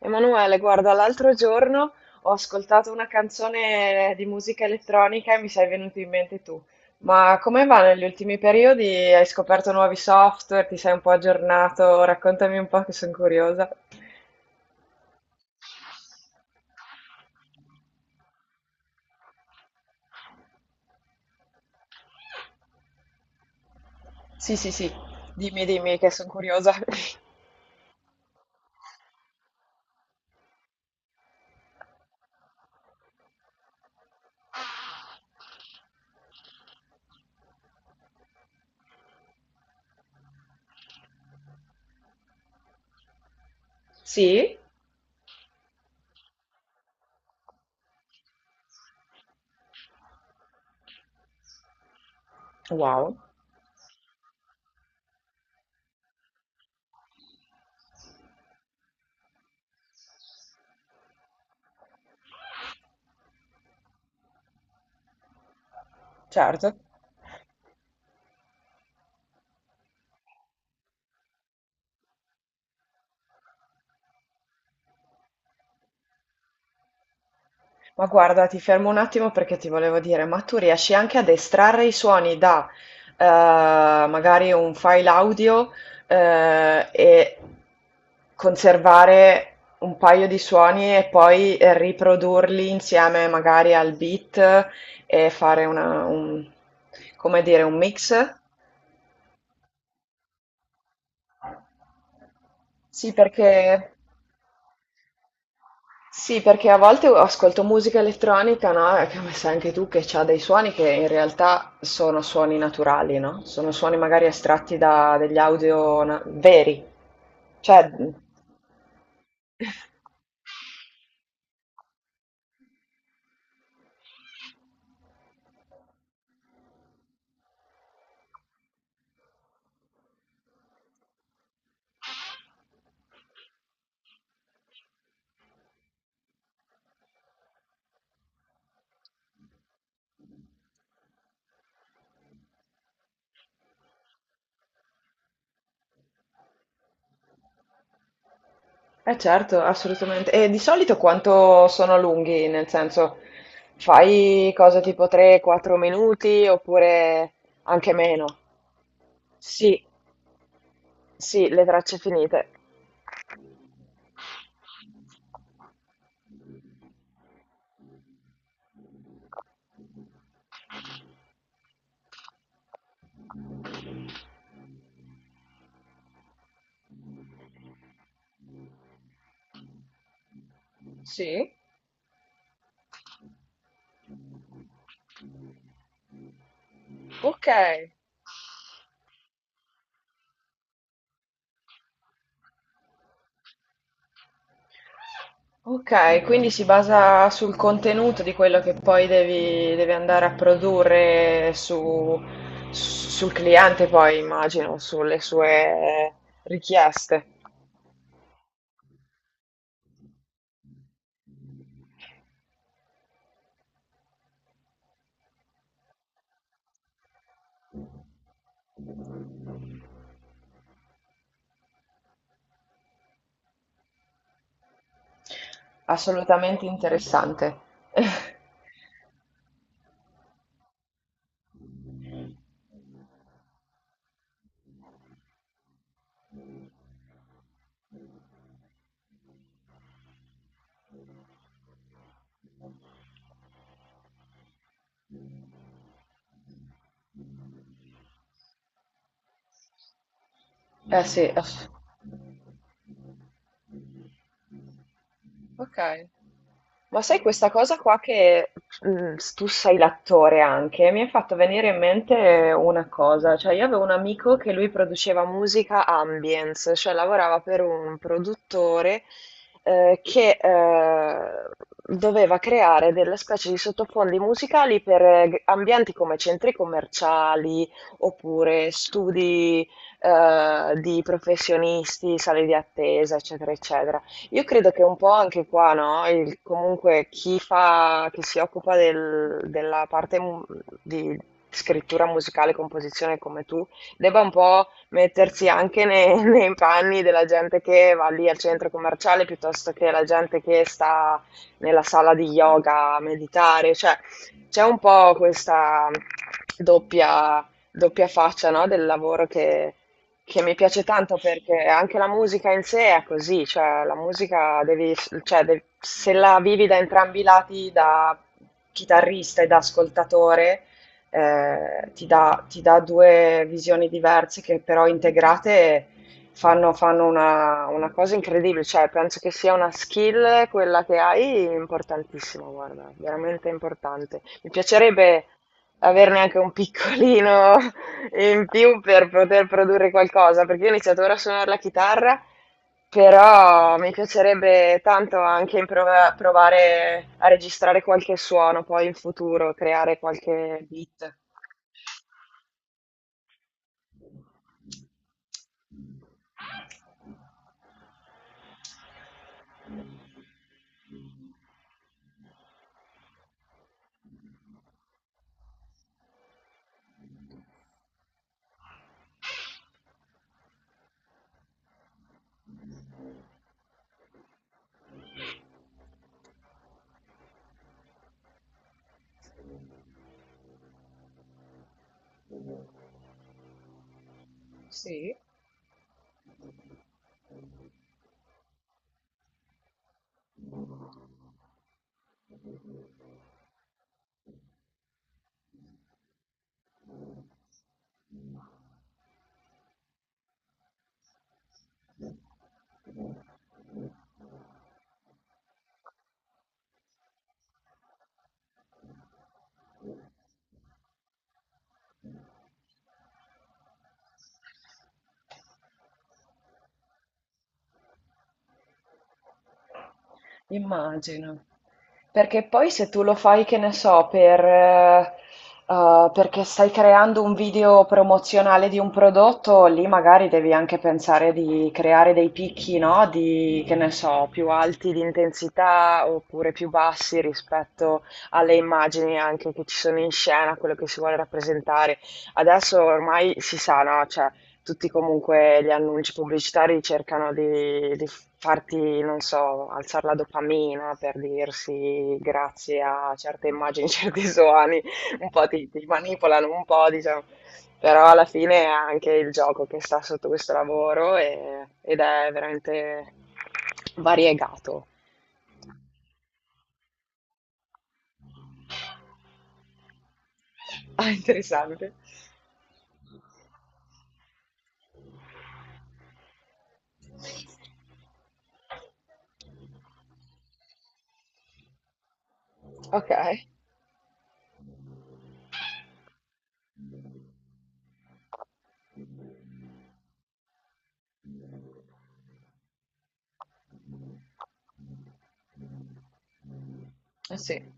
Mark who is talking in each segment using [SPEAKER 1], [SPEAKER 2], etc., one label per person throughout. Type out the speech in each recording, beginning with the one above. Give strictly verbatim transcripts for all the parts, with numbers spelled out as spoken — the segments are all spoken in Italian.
[SPEAKER 1] Emanuele, guarda, l'altro giorno ho ascoltato una canzone di musica elettronica e mi sei venuto in mente tu. Ma come va negli ultimi periodi? Hai scoperto nuovi software? Ti sei un po' aggiornato? Raccontami un po' che sono curiosa. Sì, sì, sì, dimmi, dimmi che sono curiosa. Sì? Wow, certo. Ma guarda, ti fermo un attimo perché ti volevo dire, ma tu riesci anche ad estrarre i suoni da eh, magari un file audio eh, e conservare un paio di suoni e poi eh, riprodurli insieme magari al beat e fare una, un, come dire, un mix? Sì, perché... Sì, perché a volte ascolto musica elettronica, no, e come sai anche tu, che ha dei suoni che in realtà sono suoni naturali, no? Sono suoni magari estratti da degli audio na- veri. Cioè, mm, eh certo, assolutamente. E di solito quanto sono lunghi? Nel senso, fai cose tipo tre quattro minuti oppure anche meno? Sì, sì, le tracce finite. Sì, ok. Ok, quindi si basa sul contenuto di quello che poi devi, devi andare a produrre su- sul cliente, poi immagino, sulle sue richieste. Assolutamente interessante. Eh sì, ass- ok. Ma sai questa cosa qua che mm, tu sei l'attore anche, mi ha fatto venire in mente una cosa, cioè io avevo un amico che lui produceva musica ambience, cioè lavorava per un produttore eh, che eh, doveva creare delle specie di sottofondi musicali per eh, ambienti come centri commerciali oppure studi eh, di professionisti, sale di attesa, eccetera, eccetera. Io credo che un po' anche qua, no? Il- comunque chi fa, chi si occupa del- della parte mu- di scrittura musicale, composizione come tu, debba un po' mettersi anche nei, nei panni della gente che va lì al centro commerciale piuttosto che la gente che sta nella sala di yoga a meditare. Cioè, c'è un po' questa doppia, doppia faccia, no? Del lavoro che che mi piace tanto perché anche la musica in sé è così, cioè la musica devi, cioè, de- se la vivi da entrambi i lati, da chitarrista e da ascoltatore, eh, ti dà, ti dà due visioni diverse che però integrate fanno, fanno una, una cosa incredibile, cioè penso che sia una skill quella che hai importantissima, guarda, veramente importante. Mi piacerebbe averne anche un piccolino e in più per poter produrre qualcosa, perché io ho iniziato ora a suonare la chitarra, però mi piacerebbe tanto anche improv- provare a registrare qualche suono poi in futuro, creare qualche beat. Sì. Immagino. Perché poi se tu lo fai, che ne so, per, eh, eh, perché stai creando un video promozionale di un prodotto, lì magari devi anche pensare di creare dei picchi, no? Di, che ne so, più alti di intensità oppure più bassi rispetto alle immagini anche che ci sono in scena, quello che si vuole rappresentare. Adesso ormai si sa, no? Cioè, tutti comunque gli annunci pubblicitari cercano di, di farti, non so, alzare la dopamina per dirsi grazie a certe immagini, certi suoni, un po' ti, ti manipolano un po', diciamo, però alla fine è anche il gioco che sta sotto questo lavoro e- ed è veramente variegato. Ah, interessante. Ok, eh sì,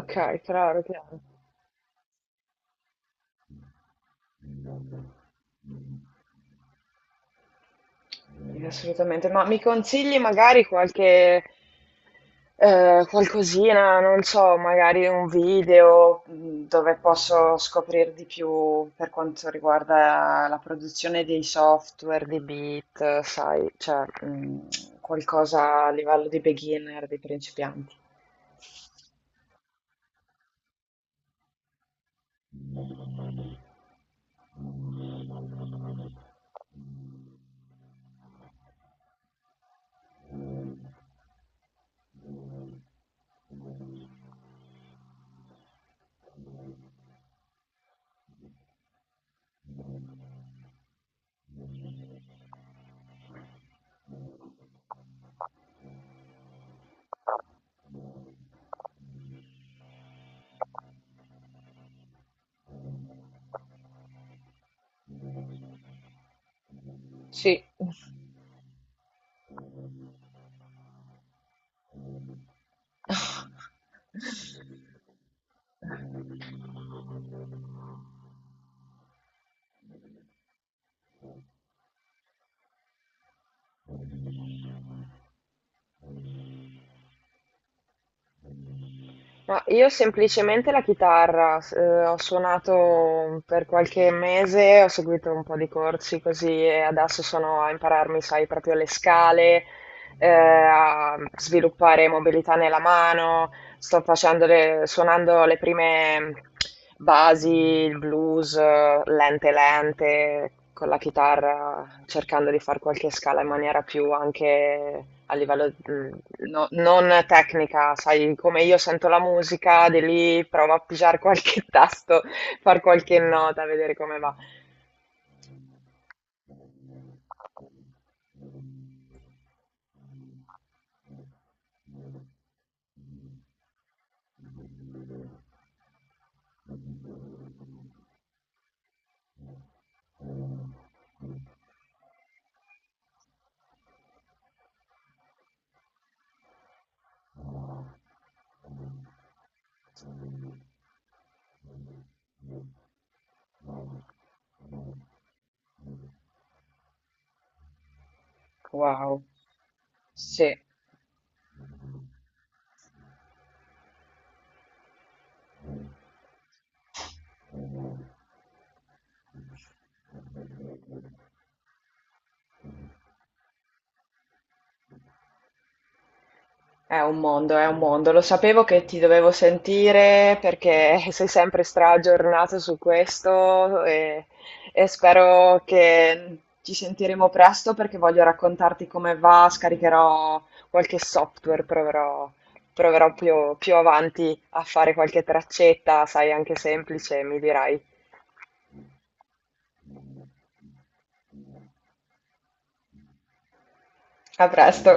[SPEAKER 1] ok, chiaro, chiaro. Sì, assolutamente, ma mi consigli magari qualche, eh, qualcosina, non so, magari un video mh, dove posso scoprire di più per quanto riguarda la produzione dei software, di beat, sai, cioè mh, qualcosa a livello di beginner, di principianti. Sì. Sì. Ma io semplicemente la chitarra, s- eh, ho suonato per qualche mese, ho seguito un po' di corsi così e adesso sono a impararmi, sai, proprio le scale, eh, a sviluppare mobilità nella mano, sto facendo le- suonando le prime basi, il blues, eh, lente lente, con la chitarra, cercando di fare qualche scala in maniera più anche a livello, mm, No- non tecnica, sai, come io sento la musica, di lì provo a pigiare qualche tasto, far qualche nota, vedere come va. Wow, sì. È un mondo, è un mondo. Lo sapevo che ti dovevo sentire perché sei sempre straaggiornato su questo e, e spero che ci sentiremo presto perché voglio raccontarti come va, scaricherò qualche software, proverò, proverò più, più avanti a fare qualche traccetta, sai, anche semplice, mi dirai. A presto.